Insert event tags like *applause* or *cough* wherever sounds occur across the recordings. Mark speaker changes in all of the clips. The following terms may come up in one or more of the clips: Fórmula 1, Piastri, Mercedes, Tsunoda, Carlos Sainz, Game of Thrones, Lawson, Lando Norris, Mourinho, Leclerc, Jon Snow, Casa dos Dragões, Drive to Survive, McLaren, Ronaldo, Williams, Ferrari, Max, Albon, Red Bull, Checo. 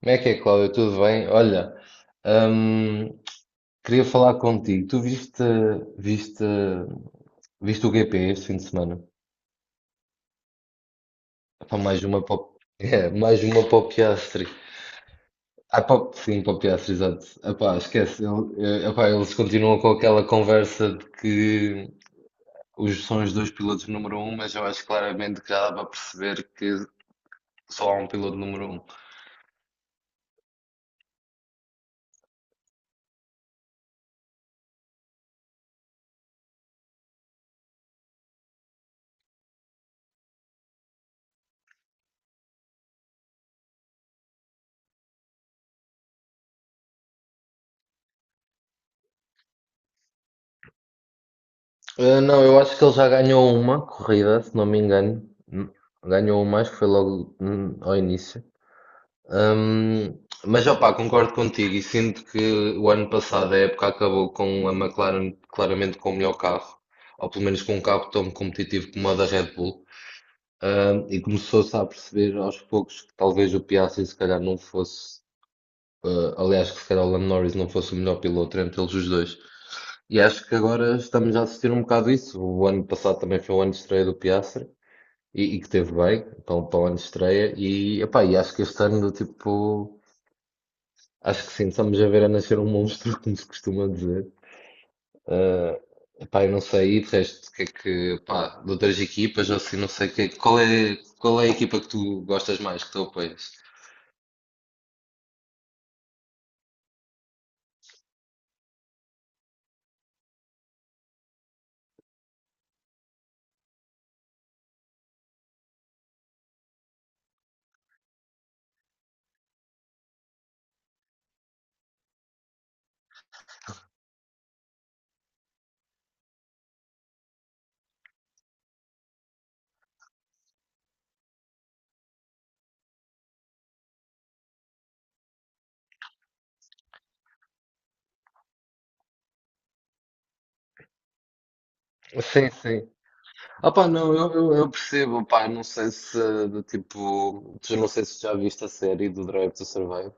Speaker 1: Como é que é, Cláudio? Tudo bem? Olha, hum, queria falar contigo. Tu viste, viste o GP este fim de semana? Epá, mais uma para, o- *laughs* é, mais uma para o Piastri. Ah, sim, para o Piastri, exato. Epá, esquece. Epá, eles continuam com aquela conversa de que são os dois pilotos número um, mas eu acho claramente que já dá para perceber que só há um piloto número um. Ah, não, eu acho que ele já ganhou uma corrida, se não me engano. Ganhou uma, acho que foi logo ao início. Hum, mas opá, concordo contigo e sinto que o ano passado a época acabou com a McLaren claramente com o melhor carro, ou pelo menos com um carro tão competitivo como o da Red Bull. E começou-se a perceber aos poucos que talvez o Piastri se calhar não fosse. Aliás, que se calhar o Lando Norris não fosse o melhor piloto entre eles os dois. E acho que agora estamos a assistir um bocado isso. O ano passado também foi o ano de estreia do Piastri e que teve bem para o ano de estreia. E, epá, e acho que este ano, tipo, acho que sim, estamos a ver a nascer um monstro, *laughs* como se costuma dizer. Uh, epá, eu não sei, e de resto, o que é que, pá, de outras equipas, ou assim, não sei, qual é a equipa que tu gostas mais, que tu apoias? Sim, sim. Ah pá, não, eu percebo, pá, não sei se, do tipo, tu não sei se já viste a série do Drive to Survive.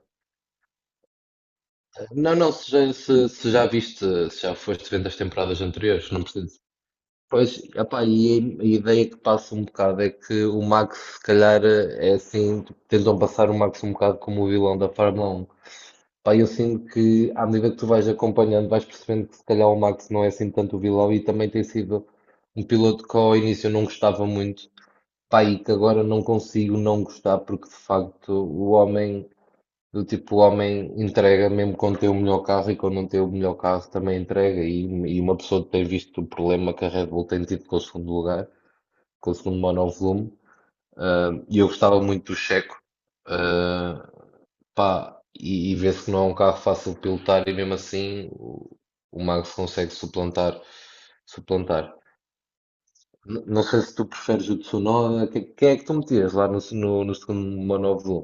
Speaker 1: Não, não, se já viste, se já foste vendo as temporadas anteriores, não preciso. Pois, ah, e a ideia que passa um bocado é que o Max, se calhar, é assim, tipo, tentam passar o Max um bocado como o vilão da Fórmula 1. Pá, eu sinto que, à medida que tu vais acompanhando, vais percebendo que se calhar o Max não é assim tanto o vilão e também tem sido um piloto que ao início eu não gostava muito. Pá, e que agora não consigo não gostar, porque de facto o homem, do tipo, o homem entrega mesmo quando tem o melhor carro e quando não tem o melhor carro também entrega. E uma pessoa que tem visto o problema que a Red Bull tem tido com o segundo lugar, com o segundo monovolume, ah, e eu gostava muito do Checo. Ah, pá, e vê-se que não é um carro fácil de pilotar e mesmo assim o Max consegue suplantar, suplantar. Não sei se tu preferes o Tsunoda. Quem é que tu metias lá no segundo monóvulo?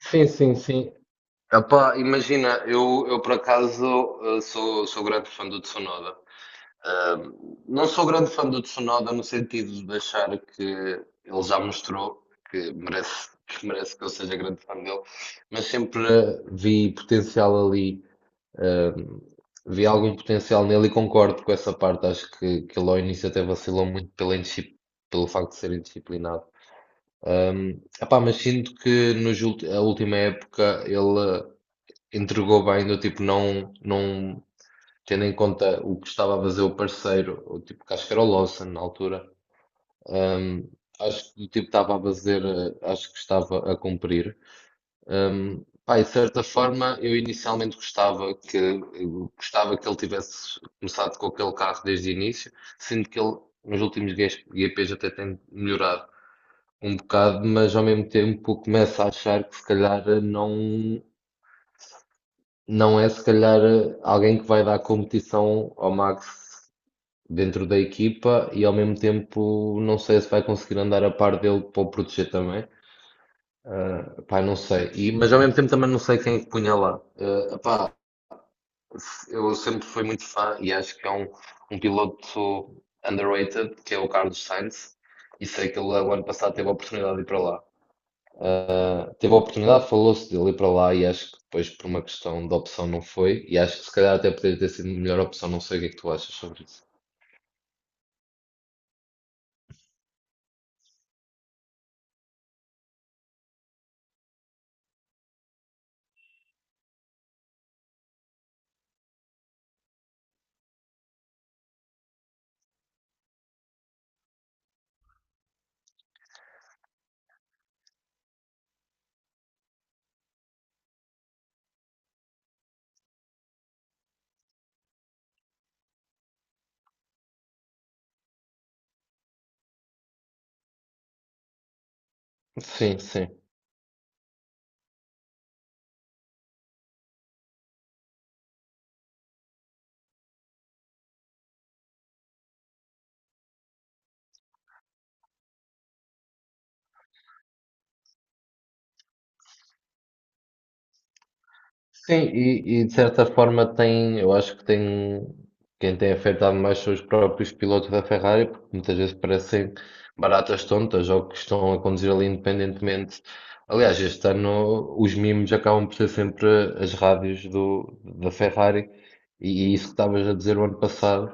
Speaker 1: Sim, sim, sim. Epá, imagina, eu por acaso sou grande fã do Tsunoda. Ah, não sou grande fã do Tsunoda no sentido de achar que ele já mostrou que merece, que eu seja grande fã dele, mas sempre vi potencial ali. Ahm, vi algum potencial nele e concordo com essa parte. Acho que ele ao início até vacilou muito pelo facto de ser indisciplinado. Epá, mas sinto que a última época ele entregou bem, do tipo, não, não tendo em conta o que estava a fazer o parceiro, o tipo, que acho que era o Lawson na altura. Ahm, acho que o tipo estava a fazer, acho que estava a cumprir. Pá, e de certa forma, eu inicialmente gostava eu gostava que ele tivesse começado com aquele carro desde o início, sendo que ele nos últimos GPs até tem melhorado um bocado, mas ao mesmo tempo começa a achar que se calhar não, não é se calhar alguém que vai dar competição ao Max dentro da equipa e ao mesmo tempo não sei se vai conseguir andar a par dele para o proteger também. Ah, pá, não sei. E, mas ao mesmo tempo também não sei quem é que punha lá. Ah, eu sempre fui muito fã e acho que é um piloto underrated, que é o Carlos Sainz, e sei que ele o ano passado teve a oportunidade de ir para lá. Teve a oportunidade, falou-se dele ir para lá e acho que depois por uma questão de opção não foi, e acho que se calhar até poderia ter sido a melhor opção, não sei o que é que tu achas sobre isso. Sim, sim. Sim, e de certa forma tem, eu acho que tem, quem tem afetado mais são os próprios pilotos da Ferrari, porque muitas vezes parecem baratas tontas ou que estão a conduzir ali independentemente. Aliás, este ano os mimos acabam por ser sempre as rádios da Ferrari, e isso que estavas a dizer o ano passado.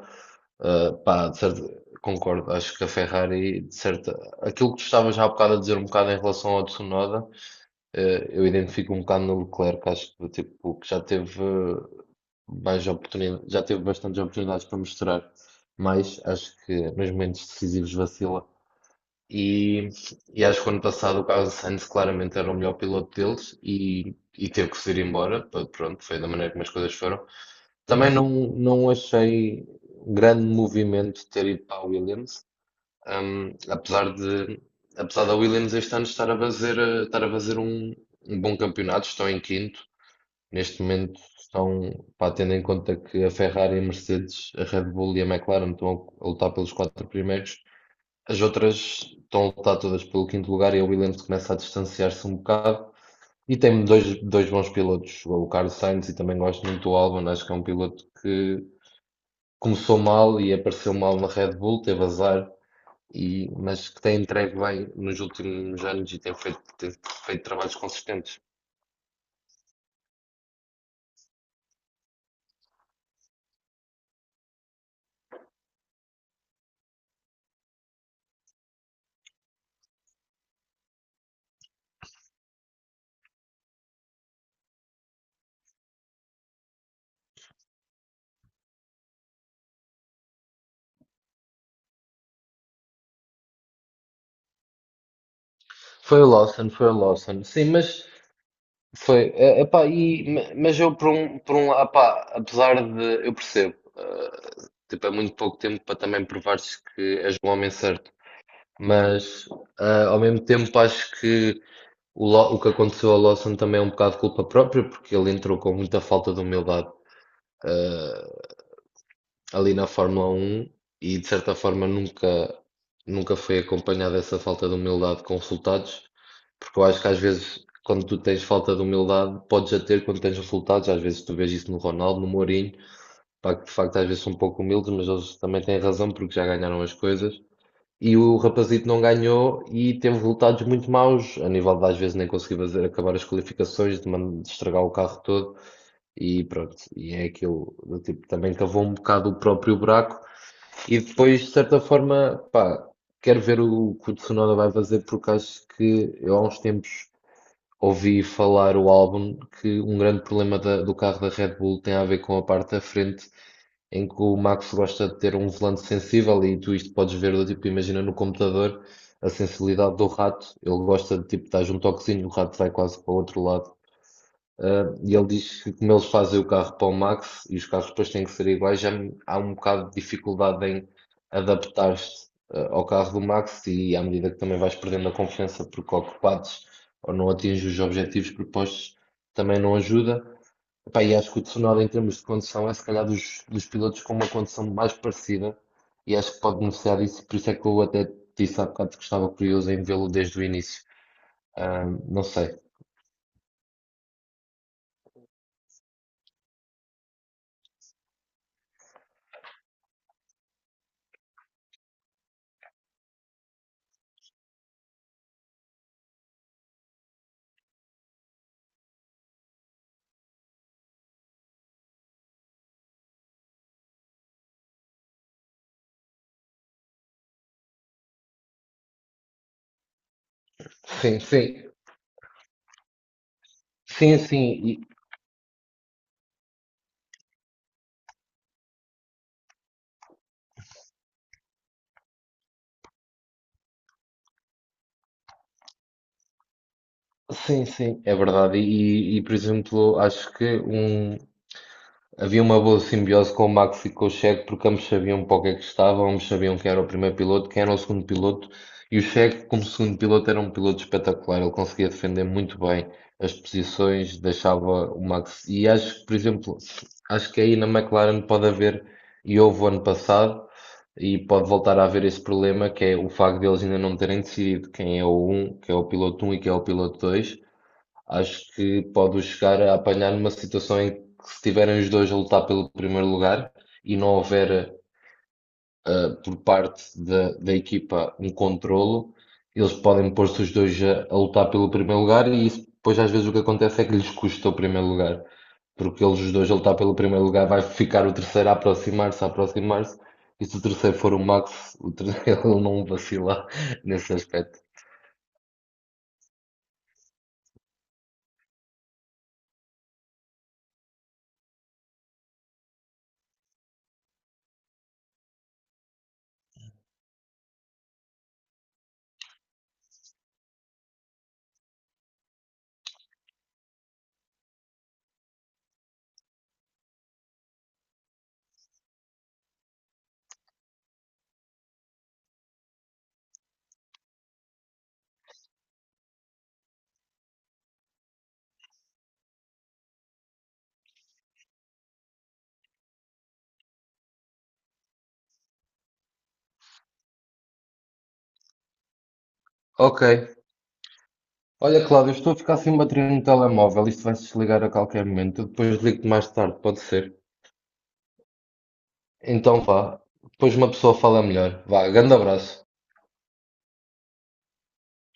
Speaker 1: Ah, pá, concordo, acho que a Ferrari, de certa, aquilo que tu estavas já há bocado a dizer um bocado em relação ao Tsunoda. Eu identifico um bocado no Leclerc, acho que tipo, que já teve mais oportunidades, já teve bastantes oportunidades para mostrar, mas acho que nos momentos decisivos vacila. E, e acho que o ano passado o Carlos Sainz claramente era o melhor piloto deles e teve que se ir embora. Pronto, foi da maneira como as coisas foram. Também não, não achei grande movimento ter ido para a Williams. Apesar de, apesar da Williams este ano estar a fazer, estar a fazer um bom campeonato, estão em quinto. Neste momento estão, pá, tendo em conta que a Ferrari, a Mercedes, a Red Bull e a McLaren estão a lutar pelos quatro primeiros. As outras estão a lutar todas pelo quinto lugar e a Williams começa a distanciar-se um bocado. E tem dois bons pilotos, o Carlos Sainz e também gosto muito do Albon, acho que é um piloto que começou mal e apareceu mal na Red Bull, teve azar, e, mas que tem entregue bem nos últimos anos e tem feito trabalhos consistentes. Foi o Lawson, foi o Lawson. Sim, mas foi. Epá, e, mas eu por um lado, epá, apesar de. Eu percebo, tipo, é muito pouco tempo para também provares que és um homem certo. Mas ao mesmo tempo acho que o que aconteceu ao Lawson também é um bocado culpa própria, porque ele entrou com muita falta de humildade, eh, ali na Fórmula 1. E de certa forma nunca, nunca foi acompanhada essa falta de humildade com resultados, porque eu acho que às vezes quando tu tens falta de humildade podes já ter quando tens resultados, às vezes tu vês isso no Ronaldo, no Mourinho, pá, que de facto às vezes são um pouco humildes, mas eles também têm razão porque já ganharam as coisas. E o rapazito não ganhou e teve resultados muito maus, a nível de às vezes nem conseguir fazer, acabar as qualificações, de estragar o carro todo. E pronto, e é aquilo do tipo, também cavou um bocado o próprio buraco, e depois, de certa forma, pá, quero ver o que o Tsunoda vai fazer, porque acho que eu há uns tempos ouvi falar o álbum que um grande problema do carro da Red Bull tem a ver com a parte da frente, em que o Max gosta de ter um volante sensível e tu isto podes ver, do tipo, imagina no computador a sensibilidade do rato, ele gosta de tipo, dar um toquezinho, o rato vai quase para o outro lado. Ah, e ele diz que como eles fazem o carro para o Max e os carros depois têm que ser iguais, já há um bocado de dificuldade em adaptar-se ah, ao carro do Max e à medida que também vais perdendo a confiança porque ocupados ou não atinges os objetivos propostos, também não ajuda. Epá, e acho que o Tsunoda em termos de condução é se calhar dos pilotos com uma condução mais parecida e acho que pode beneficiar disso, por isso é que eu até disse há bocado que estava curioso em vê-lo desde o início. Ah, não sei. Sim, sim. Sim, sim, sim, sim, é verdade. E, por exemplo, acho que um, havia uma boa simbiose com o Max e com o Checo, porque ambos sabiam para o que é que estavam, ambos sabiam quem era o primeiro piloto, quem era o segundo piloto. E o Checo, como segundo piloto, era um piloto espetacular. Ele conseguia defender muito bem as posições, deixava o Max. E acho que, por exemplo, acho que aí na McLaren pode haver, e houve o ano passado, e pode voltar a haver esse problema, que é o facto de eles ainda não terem decidido quem é o um, que é o piloto um e quem é o piloto dois. Acho que pode chegar a apanhar numa situação em que se tiverem os dois a lutar pelo primeiro lugar e não houver, ah, por parte da equipa um controlo, eles podem pôr-se os dois a lutar pelo primeiro lugar e isso depois às vezes o que acontece é que lhes custa o primeiro lugar, porque eles os dois a lutar pelo primeiro lugar vai ficar o terceiro a aproximar-se, e se o terceiro for o Max, o terceiro *laughs* ele não vacila nesse aspecto. Ok, olha, Cláudio, estou a ficar sem bateria no telemóvel. Isto vai-se desligar a qualquer momento. Eu depois ligo-te mais tarde, pode ser? Então vá. Depois uma pessoa fala melhor. Vá, grande abraço.